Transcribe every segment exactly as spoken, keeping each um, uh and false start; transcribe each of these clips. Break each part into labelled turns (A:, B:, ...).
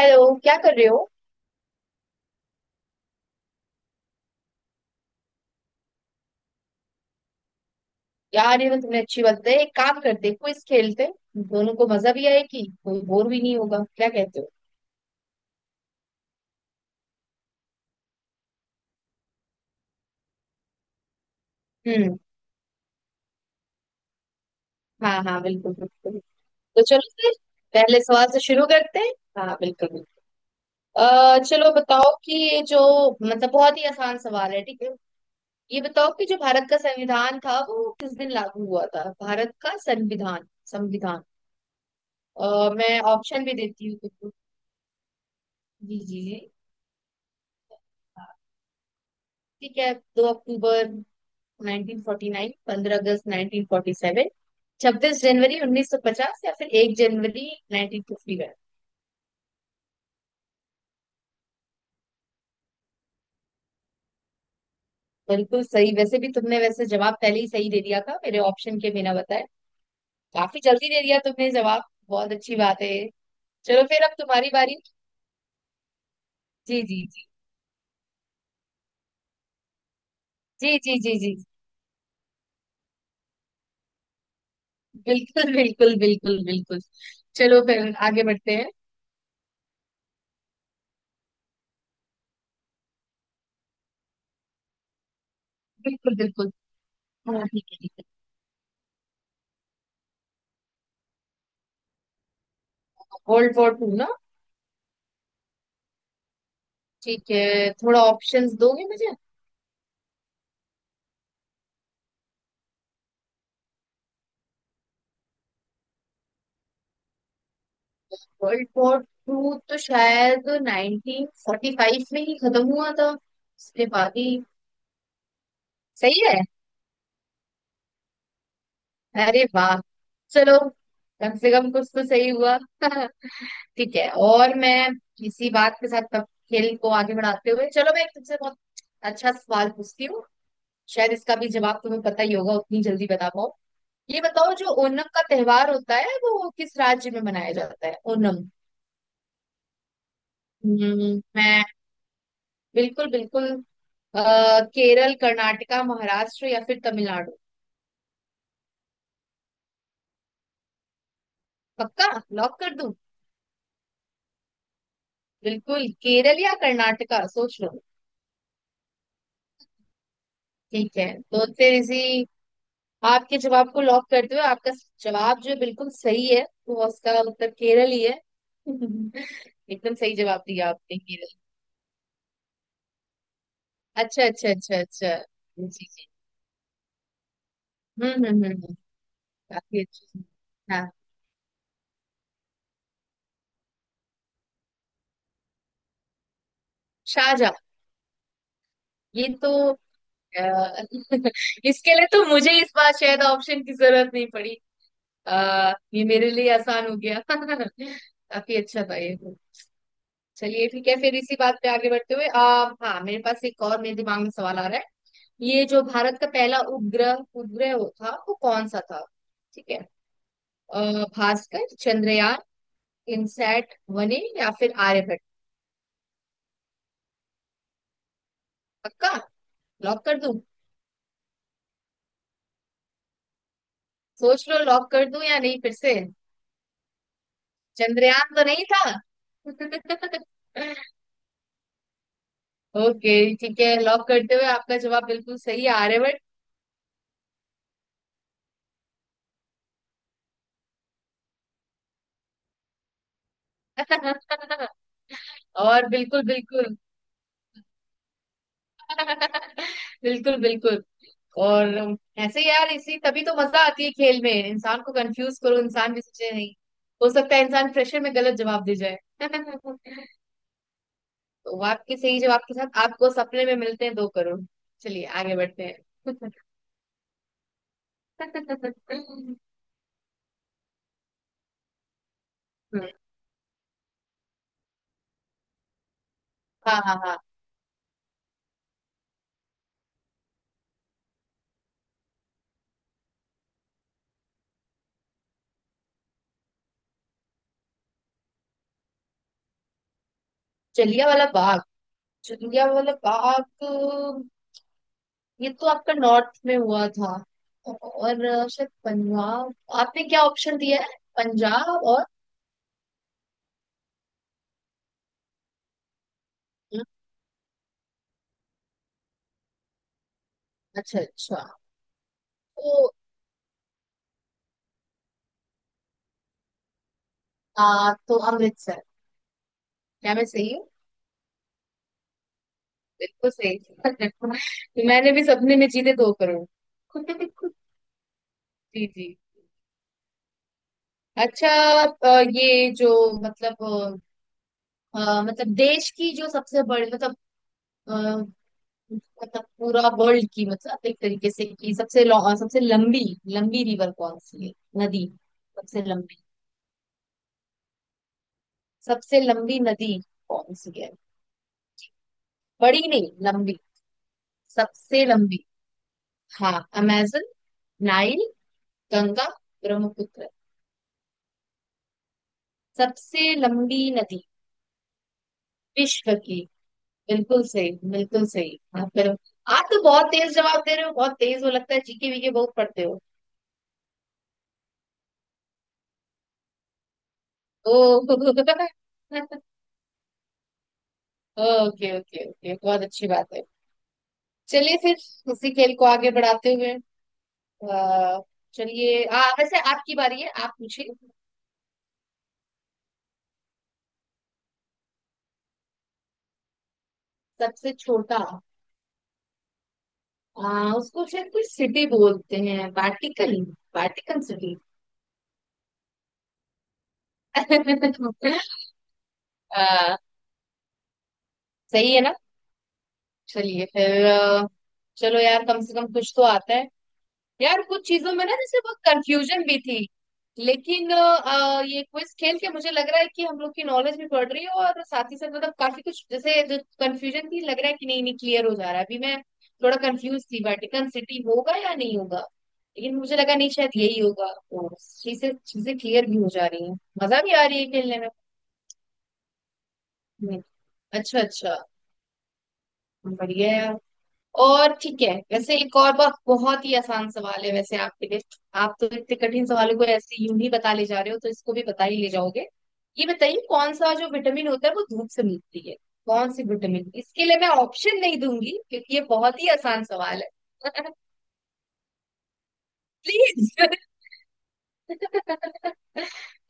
A: Hello, क्या कर रहे हो? यार, ये तो तुमने अच्छी बात है। एक काम करते, क्विज खेलते। दोनों को मजा भी आएगी, कोई बोर भी नहीं होगा। क्या कहते हो? हम्म। हाँ हाँ, बिल्कुल बिल्कुल। तो चलो फिर, पहले सवाल से शुरू करते हैं। हाँ, बिल्कुल बिल्कुल। अह, चलो बताओ कि ये जो मतलब, बहुत ही आसान सवाल है। ठीक है। ये बताओ कि जो भारत का संविधान था, वो किस दिन लागू हुआ था? भारत का संविधान, संविधान। अह, मैं ऑप्शन भी देती हूँ तुमको। जी जी जी। ठीक है। दो अक्टूबर नाइनटीन फ़ोर्टी नाइन, पंद्रह अगस्त नाइनटीन फ़ोर्टी सेवन, छब्बीस जनवरी उन्नीस सौ पचास, या फिर एक जनवरी नाइनटीन फ़िफ़्टी वन। बिल्कुल सही। वैसे भी तुमने वैसे जवाब पहले ही सही दे दिया था, मेरे ऑप्शन के बिना बताए। काफी जल्दी दे दिया तुमने जवाब। बहुत अच्छी बात है। चलो फिर अब तुम्हारी बारी। जी जी जी जी जी जी जी, बिल्कुल बिल्कुल बिल्कुल बिल्कुल। चलो फिर आगे बढ़ते हैं। बिल्कुल बिल्कुल। हाँ, ठीक है ठीक है। वर्ल्ड वॉर टू ना? ठीक है, थोड़ा ऑप्शंस दोगे मुझे? वर्ल्ड वॉर टू तो शायद नाइनटीन फ़ोर्टी फ़ाइव में ही खत्म हुआ था, इसके बाद ही। सही है। अरे वाह! चलो, कम से कम कुछ तो सही हुआ। ठीक है। और मैं इसी बात के साथ अब खेल को आगे बढ़ाते हुए, चलो मैं एक तुमसे बहुत अच्छा सवाल पूछती हूँ। शायद इसका भी जवाब तुम्हें पता ही होगा, उतनी जल्दी बता पाओ। ये बताओ, जो ओणम का त्योहार होता है, वो किस राज्य में मनाया जाता है? ओणम। हम्म, मैं, बिल्कुल बिल्कुल। अ, केरल, कर्नाटका, महाराष्ट्र, या फिर तमिलनाडु। पक्का? लॉक कर दूं? बिल्कुल, केरल या कर्नाटका, सोच लो। ठीक है। तो फिर इसी, आपके जवाब को लॉक करते हुए, आपका जवाब जो है बिल्कुल सही है, तो उसका उत्तर केरल ही है। एकदम सही जवाब दिया आपने, केरल। अच्छा अच्छा अच्छा अच्छा। जी जी। हम्म हम्म हम्म हम्म। काफी अच्छी। हाँ, शाहजहाँ। ये तो अ, इसके लिए तो मुझे इस बार शायद ऑप्शन की जरूरत नहीं पड़ी। आ, ये मेरे लिए आसान हो गया। काफी अच्छा था ये। चलिए, ठीक है। फिर इसी बात पे आगे बढ़ते हुए, आ, हाँ, मेरे पास एक और, मेरे दिमाग में सवाल आ रहा है। ये जो भारत का पहला उपग्रह, उपग्रह, वो था, वो कौन सा था? ठीक है। आ, भास्कर, चंद्रयान, इनसैट वने, या फिर आर्यभट्ट। पक्का? लॉक कर दूं? सोच लो, लॉक कर दूं या नहीं, फिर से? चंद्रयान तो नहीं था। ओके, ठीक है। लॉक करते हुए, आपका जवाब बिल्कुल सही है। आर्यभट्ट। और, बिल्कुल बिल्कुल। बिल्कुल बिल्कुल। और ऐसे यार, इसी, तभी तो मजा आती है खेल में। इंसान को कंफ्यूज करो, इंसान भी सोचे नहीं। हो सकता है इंसान प्रेशर में गलत जवाब दे जाए। तो आपके सही जवाब के साथ आपको सपने में मिलते हैं दो करोड़। चलिए आगे बढ़ते हैं। हाँ हाँ हाँ, जलिया वाला बाग, जलिया वाला बाग, ये तो आपका नॉर्थ में हुआ था। और अ, शायद पंजाब। आपने क्या ऑप्शन दिया है? पंजाब और? अच्छा अच्छा। तो आ, तो अमृतसर। क्या मैं सही हूँ? बिल्कुल सही। मैंने भी सपने में जीते दो करोड़। जी जी। अच्छा। अ, ये जो मतलब, अ, अ, मतलब देश की जो सबसे बड़ी, मतलब मतलब पूरा वर्ल्ड की, मतलब एक तरीके से, कि सबसे लौ- सबसे लंबी, लंबी रिवर कौन सी है? नदी, सबसे लंबी, सबसे लंबी नदी कौन सी है? बड़ी नहीं, लंबी, सबसे लंबी। हाँ, अमेजन, नाइल, गंगा, ब्रह्मपुत्र। सबसे लंबी नदी विश्व की? बिल्कुल सही, बिल्कुल सही। हाँ फिर, आप तो बहुत तेज जवाब दे रहे हो, बहुत तेज हो, लगता है जीके वीके बहुत पढ़ते हो। ओ। ओके ओके ओके, बहुत अच्छी बात है। चलिए फिर इसी खेल को आगे बढ़ाते हुए, अ, चलिए, आ, वैसे, आपकी बारी है, आप पूछिए। सबसे छोटा? आ, उसको शायद कुछ सिटी बोलते हैं, वाटिकन। Vatican city. आ, सही है ना? चलिए फिर, अ, चलो यार, कम से कम कुछ तो आता है। यार, कुछ चीजों में ना जैसे बहुत कंफ्यूजन भी थी, लेकिन अ, अ, ये क्विज खेल के मुझे लग रहा है कि हम लोग की नॉलेज भी बढ़ रही है, और साथ ही साथ, मतलब काफी कुछ जैसे जो कंफ्यूजन थी, लग रहा है कि नहीं नहीं क्लियर हो जा रहा है, अभी मैं थोड़ा कंफ्यूज थी वेटिकन सिटी होगा या नहीं होगा। लेकिन मुझे लगा, नहीं, शायद यही होगा, तो चीजें चीजें क्लियर भी हो जा रही हैं, मजा भी आ रही है खेलने में। हम्म, अच्छा अच्छा। बढ़िया है। और ठीक है, वैसे एक और बात, बहुत ही आसान सवाल है वैसे आपके लिए। आप तो इतने कठिन सवालों को ऐसे यूं ही बता ले जा रहे हो, तो इसको भी बता ही ले जाओगे। ये बताइए, कौन सा जो विटामिन होता है वो धूप से मिलती है, कौन सी विटामिन? इसके लिए मैं ऑप्शन नहीं दूंगी, क्योंकि ये बहुत ही आसान सवाल है। प्लीज।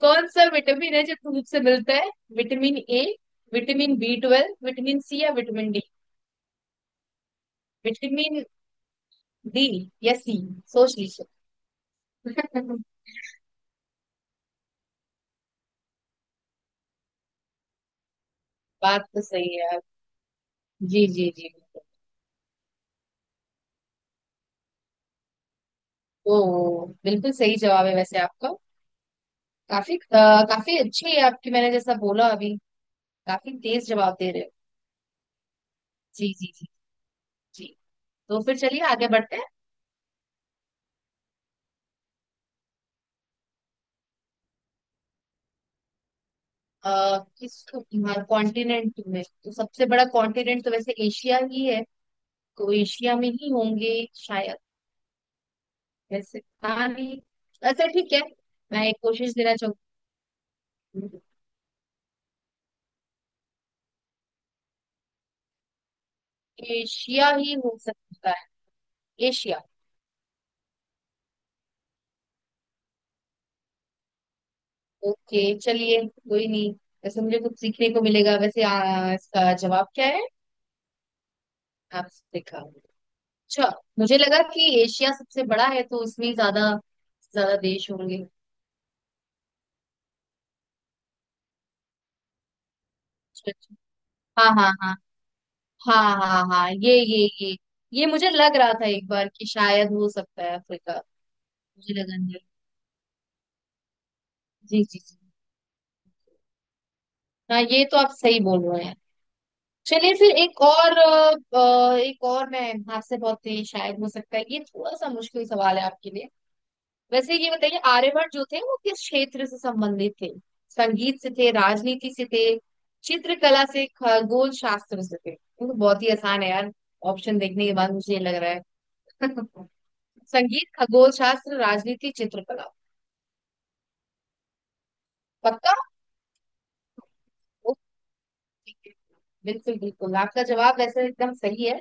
A: कौन सा विटामिन है जो धूप से मिलता है? Vitamin A, vitamin B twelve, vitamin C, या विटामिन डी? विटामिन डी या सी? सोच लीजिए। बात तो सही है आप। जी जी जी। ओ, बिल्कुल सही जवाब है वैसे आपका। काफी अ, काफी अच्छी है आपकी, मैंने जैसा बोला अभी, काफी तेज जवाब दे रहे हो। जी जी जी जी। तो फिर चलिए आगे बढ़ते हैं। आ, किस कॉन्टिनेंट में? तो सबसे बड़ा कॉन्टिनेंट तो वैसे एशिया ही है। तो एशिया में ही होंगे शायद, वैसे। हाँ, नहीं, अच्छा, ठीक है। मैं एक कोशिश देना चाहूंगी। एशिया ही हो सकता है। एशिया। ओके, चलिए, कोई नहीं। वैसे मुझे कुछ सीखने को मिलेगा। वैसे, आ, इसका जवाब क्या है? अफ्रीका? अच्छा। मुझे लगा कि एशिया सबसे बड़ा है, तो उसमें ही ज्यादा ज्यादा देश होंगे। अच्छा, अच्छा। हाँ हाँ हाँ हाँ हाँ हाँ, ये ये ये। ये मुझे लग रहा था एक बार कि शायद हो सकता है अफ्रीका। मुझे लगा नहीं। जी जी जी। हाँ, ये तो आप सही बोल रहे हैं। चलिए फिर, एक और अ, अ, एक और मैं आपसे, बहुत ही, शायद हो सकता है ये थोड़ा सा मुश्किल सवाल है आपके लिए। वैसे ये बताइए, आर्यभट्ट जो थे वो किस क्षेत्र से संबंधित थे? संगीत से थे, राजनीति से थे, चित्रकला से, खगोल शास्त्र से थे? ये तो बहुत ही आसान है यार, ऑप्शन देखने के बाद मुझे ये लग रहा है। संगीत, खगोल शास्त्र, राजनीति, चित्रकला। पक्का? ओके, बिल्कुल बिल्कुल। आपका जवाब वैसे एकदम सही है।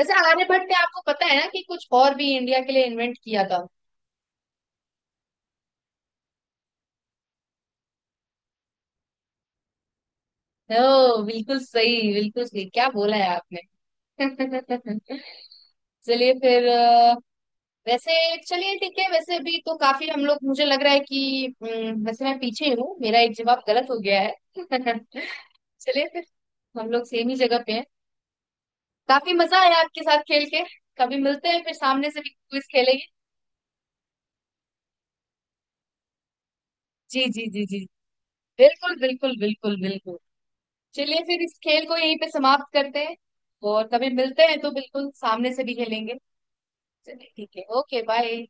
A: वैसे आर्यभट्ट ने, आपको पता है ना कि कुछ और भी इंडिया के लिए इन्वेंट किया था। ओ बिल्कुल सही, बिल्कुल सही, क्या बोला है आपने। चलिए फिर, अ, वैसे, चलिए, ठीक है। वैसे भी तो काफी हम लोग, मुझे लग रहा है कि, हम्म, वैसे, मैं पीछे हूँ, मेरा एक जवाब गलत हो गया है। चलिए फिर, हम लोग सेम ही जगह पे हैं। काफी मजा आया आपके साथ खेल के। कभी मिलते हैं फिर सामने से भी क्विज खेलेंगे। जी जी जी जी, बिल्कुल बिल्कुल बिल्कुल बिल्कुल। चलिए फिर इस खेल को यहीं पे समाप्त करते हैं, और कभी मिलते हैं तो बिल्कुल सामने से भी खेलेंगे। चलिए ठीक है, ओके, बाय।